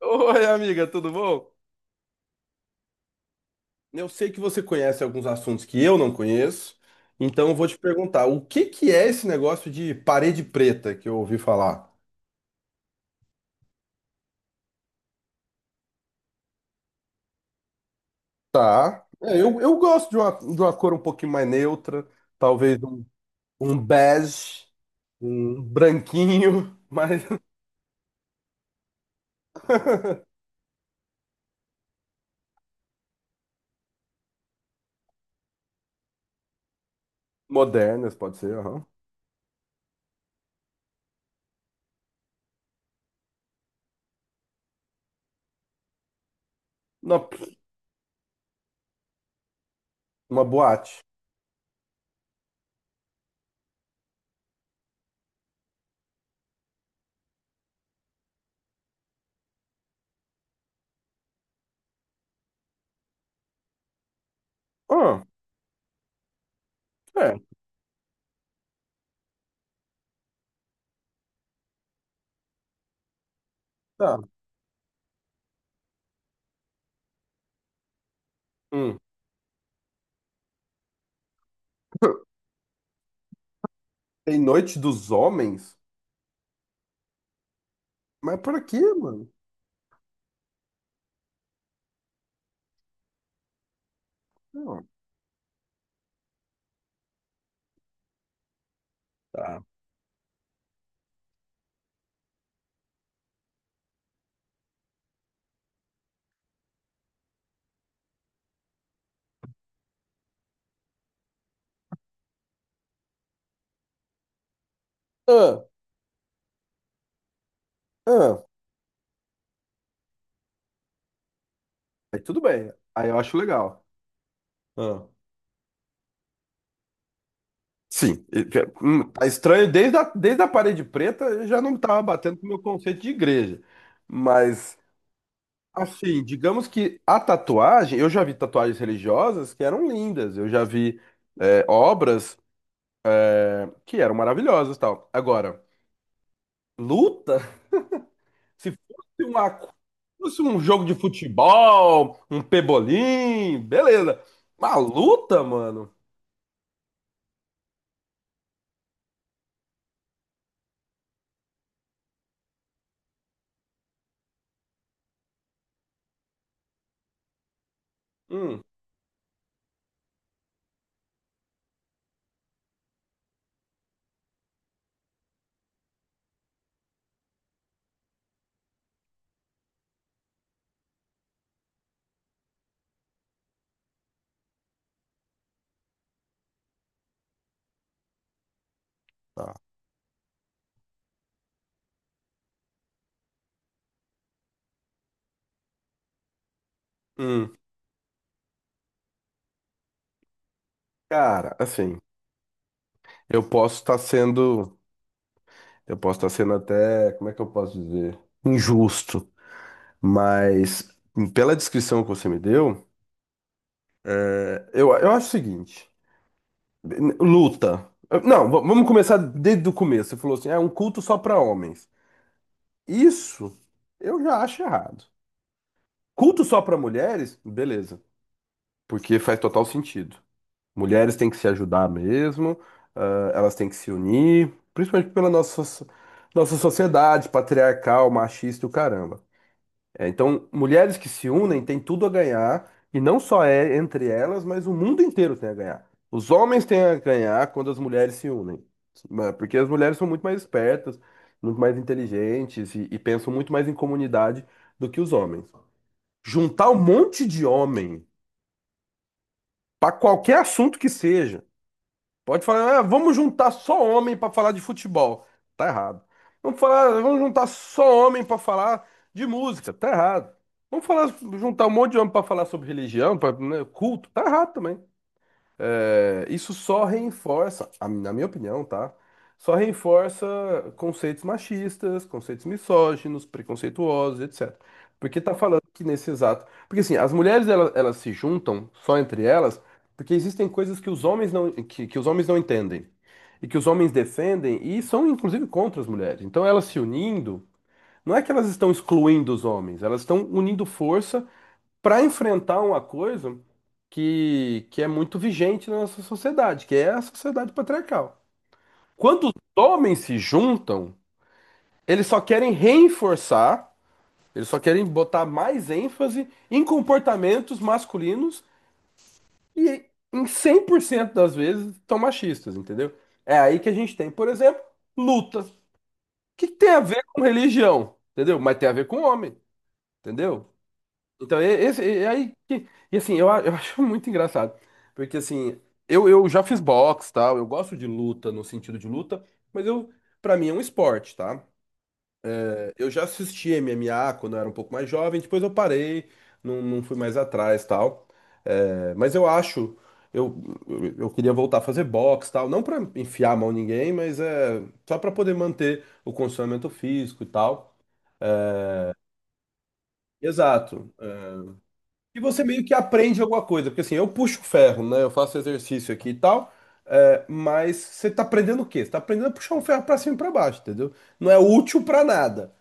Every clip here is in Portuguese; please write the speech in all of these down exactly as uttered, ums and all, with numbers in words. Oi, amiga, tudo bom? Eu sei que você conhece alguns assuntos que eu não conheço, então eu vou te perguntar, o que que é esse negócio de parede preta que eu ouvi falar? Tá. É, eu, eu gosto de uma, de uma cor um pouquinho mais neutra, talvez um, um bege, um branquinho, mas modernas pode ser, aham. Uma, uma boate. Ah, é, tá. Hum. Tem Noite dos Homens? Mas por aqui, mano? Não, tá. Ah, ah. Aí tudo bem. Aí eu acho legal. Ah, sim, e- que- hum, tá estranho desde a, desde a parede preta, eu já não estava batendo com o meu conceito de igreja. Mas, assim, digamos que a tatuagem, eu já vi tatuagens religiosas que eram lindas, eu já vi é, obras que eram maravilhosas, e tal. Agora, luta, se fosse uma, se fosse um jogo de futebol, um pebolim, beleza. Uma luta, mano. Hum, tá. Hum. Cara, assim. Eu posso estar sendo, eu posso estar sendo até, como é que eu posso dizer? Injusto, mas pela descrição que você me deu, é, eu, eu acho o seguinte, luta. Não, va- vamos começar desde o começo. Você falou assim, é um culto só para homens. Isso eu já acho errado. Culto só para mulheres? Beleza, porque faz total sentido. Mulheres têm que se ajudar mesmo, ah, elas têm que se unir, principalmente pela nossa, so- nossa sociedade patriarcal, machista e o caramba. É, então, mulheres que se unem têm tudo a ganhar, e não só é entre elas, mas o mundo inteiro tem a ganhar. Os homens têm a ganhar quando as mulheres se unem, Mas- porque as mulheres são muito mais espertas, muito mais inteligentes e, e pensam muito mais em comunidade do que os homens. Juntar um monte de homem para qualquer assunto que seja. Pode falar, "Ah, vamos juntar só homem para falar de futebol. Tá errado. Vamos falar, vamos juntar só homem para falar de música. Tá errado. Vamos falar, juntar um monte de homem para falar sobre religião, pra, né, culto. Tá errado também. É, isso só reforça, a- na minha opinião, tá? Só reforça conceitos machistas, conceitos misóginos, preconceituosos, etcétera. Porque tá falando que nesse exato. Porque assim, as mulheres elas, elas se juntam só entre elas porque existem coisas que os homens não, que, que os homens não entendem. E que os homens defendem e são inclusive contra as mulheres. Então elas se unindo, não é que elas estão excluindo os homens, elas estão unindo força para enfrentar uma coisa que, que é muito vigente na nossa sociedade, que é a sociedade patriarcal. Quando os homens se juntam, eles só querem reforçar, eles só querem botar mais ênfase em comportamentos masculinos e em cem por cento das vezes são machistas, entendeu? É aí que a gente tem, por exemplo, lutas. O que que tem a ver com religião, entendeu? Mas tem a ver com homem, entendeu? Então, e- esse, e aí, que- e assim, eu, a- eu acho muito engraçado, porque assim, eu, eu já fiz boxe, tal, eu gosto de luta, no sentido de luta, mas eu, pra mim é um esporte, tá? É, Eu já assisti M M A quando eu era um pouco mais jovem, depois eu parei, não, não fui mais atrás, tal, É, mas eu acho, eu, eu eu queria voltar a fazer boxe, tal, não pra enfiar a mão em ninguém, mas é só pra poder manter o condicionamento físico e tal. Exato. é, E você meio que aprende alguma coisa, porque assim, eu puxo ferro, né? Eu faço exercício aqui e tal, é, mas você tá aprendendo o quê? Você tá aprendendo a puxar um ferro pra cima e pra baixo, entendeu? Não é útil pra nada.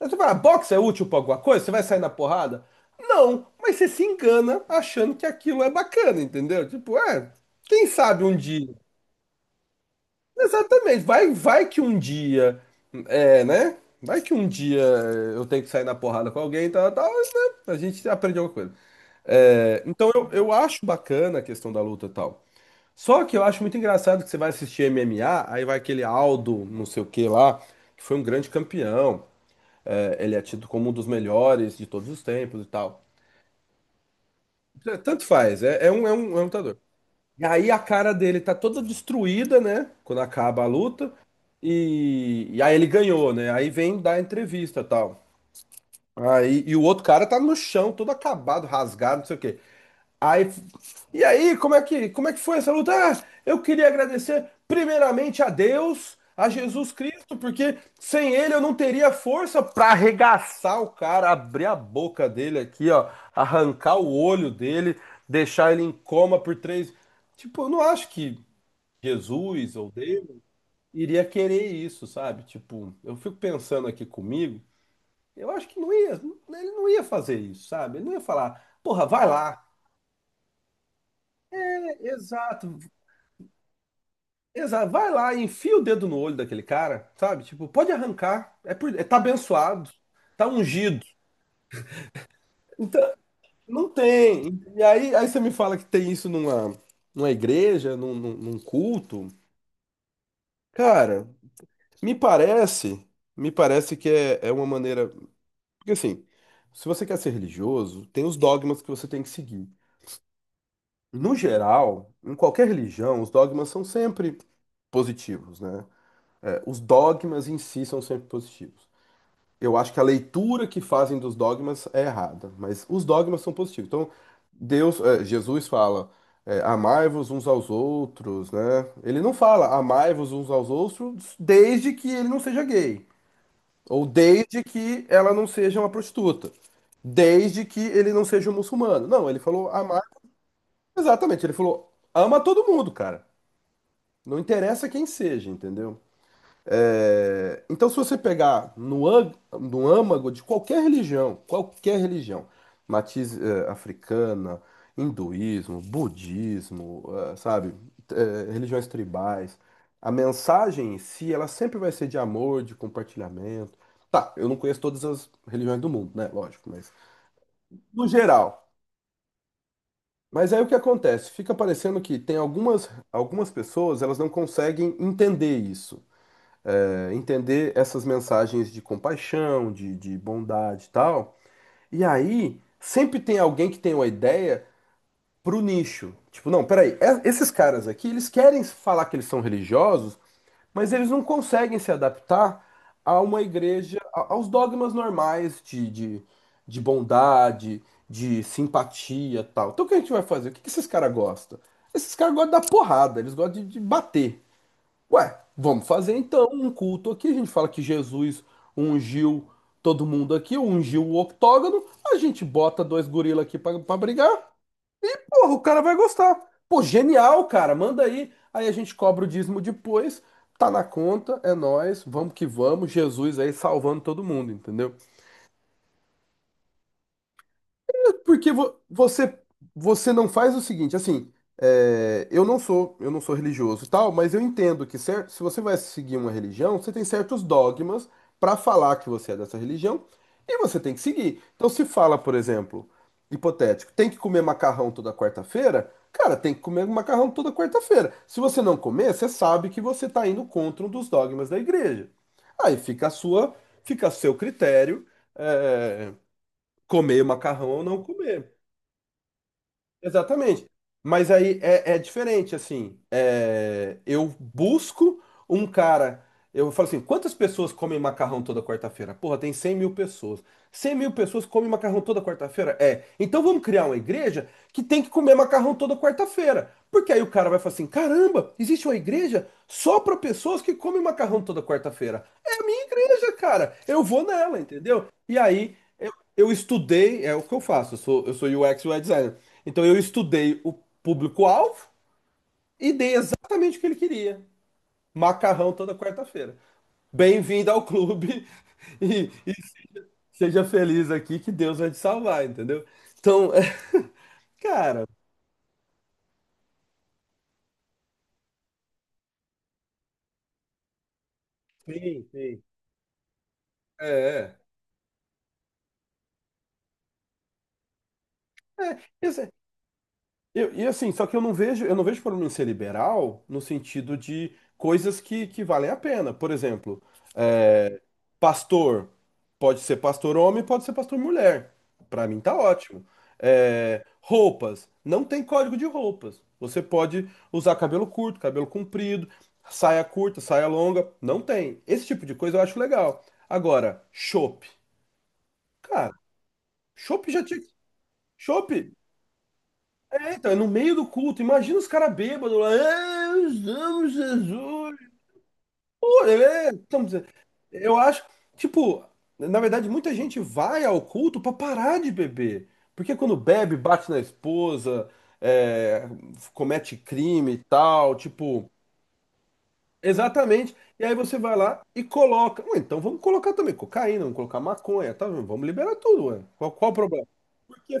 Aí você fala, ah, boxe é útil pra alguma coisa? Você vai sair na porrada? Não, mas você se engana achando que aquilo é bacana, entendeu? Tipo, é, quem sabe um dia. Exatamente. Vai, vai que um dia, é, né? Vai que um dia eu tenho que sair na porrada com alguém, tal, tal, mas, né? A gente aprende alguma coisa. É, então eu, eu acho bacana a questão da luta e tal. Só que eu acho muito engraçado que você vai assistir M M A, aí vai aquele Aldo, não sei o que lá, que foi um grande campeão. É, ele é tido como um dos melhores de todos os tempos e tal. É, Tanto faz, é, é um, é um, é um lutador. E aí a cara dele tá toda destruída, né? Quando acaba a luta. E, e aí ele ganhou, né? Aí vem dar a entrevista e tal. Aí, e o outro cara tá no chão, todo acabado, rasgado, não sei o quê. Aí, e aí, como é que, como é que foi essa luta? Ah, eu queria agradecer primeiramente a Deus, a Jesus Cristo, porque sem ele eu não teria força para arregaçar o cara, abrir a boca dele aqui, ó, arrancar o olho dele, deixar ele em coma por três. Tipo, eu não acho que Jesus ou Deus iria querer isso, sabe? Tipo, eu fico pensando aqui comigo, eu acho que não ia, ele não ia fazer isso, sabe? Ele não ia falar, porra, vai lá. É, Exato. Exato. Vai lá e enfia o dedo no olho daquele cara, sabe? Tipo, pode arrancar. É por... é, tá abençoado, tá ungido. Então, não tem. E aí, aí você me fala que tem isso numa, numa igreja, num, num, num culto. Cara, me parece, me parece que é, é uma maneira. Porque assim, se você quer ser religioso, tem os dogmas que você tem que seguir. No geral, em qualquer religião, os dogmas são sempre positivos, né? É, os dogmas em si são sempre positivos. Eu acho que a leitura que fazem dos dogmas é errada, mas os dogmas são positivos. Então, Deus, eh, Jesus fala, eh, amai-vos uns aos outros, né? Ele não fala amai-vos uns aos outros desde que ele não seja gay, ou desde que ela não seja uma prostituta, desde que ele não seja um muçulmano. Não, ele falou amar, exatamente, ele falou ama todo mundo, cara. Não interessa quem seja, entendeu? É, Então, se você pegar no, ân- no âmago de qualquer religião, qualquer religião, matiz eh, africana, hinduísmo, budismo, eh, sabe, eh, religiões tribais, a mensagem em si, ela sempre vai ser de amor, de compartilhamento. Tá, eu não conheço todas as religiões do mundo, né? Lógico, mas no geral. Mas aí o que acontece? Fica parecendo que tem algumas, algumas pessoas, elas não conseguem entender isso é, entender essas mensagens de compaixão, de, de bondade e tal. E aí, sempre tem alguém que tem uma ideia pro nicho. Tipo, não, peraí, é- esses caras aqui, eles querem falar que eles são religiosos, mas eles não conseguem se adaptar a uma igreja, a- aos dogmas normais de, de, de bondade, de simpatia e tal. Então o que a gente vai fazer? O que que esses caras gostam? Esses caras gostam da porrada, eles gostam de, de bater. Ué, vamos fazer então um culto aqui. A gente fala que Jesus ungiu todo mundo aqui, ungiu o octógono. A gente bota dois gorila aqui pra, pra brigar. Porra, o cara vai gostar. Pô, genial, cara. Manda aí. Aí a gente cobra o dízimo depois. Tá na conta, é nós. Vamos que vamos. Jesus aí salvando todo mundo, entendeu? Porque vo- você você não faz o seguinte, assim, é, eu não sou eu não sou religioso e tal, mas eu entendo que certo, se você vai seguir uma religião, você tem certos dogmas para falar que você é dessa religião e você tem que seguir. Então, se fala, por exemplo, hipotético, tem que comer macarrão toda quarta-feira, cara, tem que comer macarrão toda quarta-feira. Se você não comer, você sabe que você está indo contra um dos dogmas da igreja. Aí fica a sua, fica a seu critério, é, comer macarrão ou não comer. Exatamente. Mas aí é, é diferente, assim. É, eu busco um cara. Eu falo assim: quantas pessoas comem macarrão toda quarta-feira? Porra, tem cem mil pessoas. Cem mil pessoas comem macarrão toda quarta-feira? É. Então vamos criar uma igreja que tem que comer macarrão toda quarta-feira. Porque aí o cara vai falar assim: caramba, existe uma igreja só para pessoas que comem macarrão toda quarta-feira. É a minha igreja, cara. Eu vou nela, entendeu? E aí. Eu estudei, é o que eu faço, eu sou, eu sou U X e U I designer. Então eu estudei o público-alvo e dei exatamente o que ele queria. Macarrão toda quarta-feira. Bem-vindo ao clube e, e seja feliz aqui que Deus vai te salvar, entendeu? Então, é, cara, sim, sim. é, é, é. isso- Eu- e assim, só que eu não vejo, eu não vejo problema em ser liberal no sentido de coisas que, que valem a pena. Por exemplo, é, pastor pode ser pastor homem, pode ser pastor mulher. Pra mim tá ótimo. É, roupas, não tem código de roupas. Você pode usar cabelo curto, cabelo comprido, saia curta, saia longa, não tem. Esse tipo de coisa eu acho legal. Agora, chopp. Cara, chopp já tinha. Chopp! É, então, é no meio do culto. Imagina os caras bêbados lá. É, nós amamos Jesus. Pô, é, estamos- eu acho, tipo, na verdade, muita gente vai ao culto pra parar de beber. Porque quando bebe, bate na esposa, é, comete crime e tal, tipo, exatamente. E aí você vai lá e coloca. Ué, então vamos colocar também cocaína, vamos colocar maconha, tá? Vamos liberar tudo, ué. Qual, qual o problema? Por que?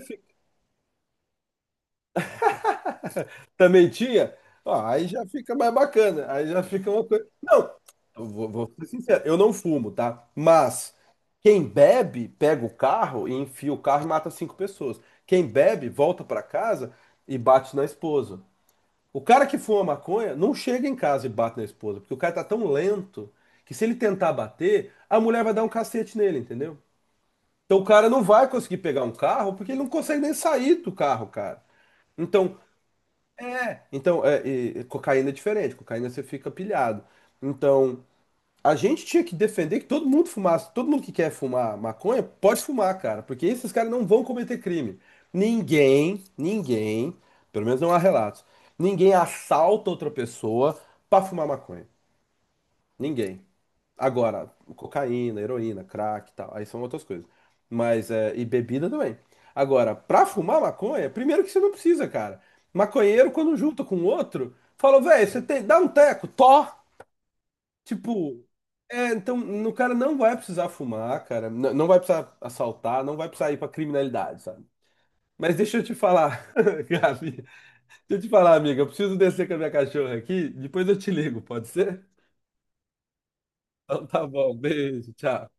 Também tinha? Ó, aí já fica mais bacana. Aí já fica uma coisa. Não, eu vou, vou ser sincero, eu não fumo, tá? Mas quem bebe, pega o carro e enfia o carro e mata cinco pessoas. Quem bebe, volta pra casa e bate na esposa. O cara que fuma maconha não chega em casa e bate na esposa, porque o cara tá tão lento que se ele tentar bater, a mulher vai dar um cacete nele, entendeu? Então o cara não vai conseguir pegar um carro porque ele não consegue nem sair do carro, cara. Então, é, então, é, e- e cocaína é diferente, cocaína você fica pilhado. Então, a gente tinha que defender que todo mundo fumasse, todo mundo que quer fumar maconha pode fumar, cara, porque esses caras não vão cometer crime. Ninguém, ninguém, pelo menos não há relatos, ninguém assalta outra pessoa pra fumar maconha. Ninguém. Agora, cocaína, heroína, crack e tal, aí são outras coisas. Mas, é, e bebida também. Agora, pra fumar maconha, primeiro que você não precisa, cara. Maconheiro, quando junta com outro, fala, velho, você tem, dá um teco, tó. Tipo, é, então, o cara não vai precisar fumar, cara. n- Não vai precisar assaltar, não vai precisar ir pra criminalidade, sabe? Mas deixa eu te falar, Gabi, deixa eu te falar, amiga, eu preciso descer com a minha cachorra aqui, depois eu te ligo, pode ser? Então tá bom, beijo, tchau.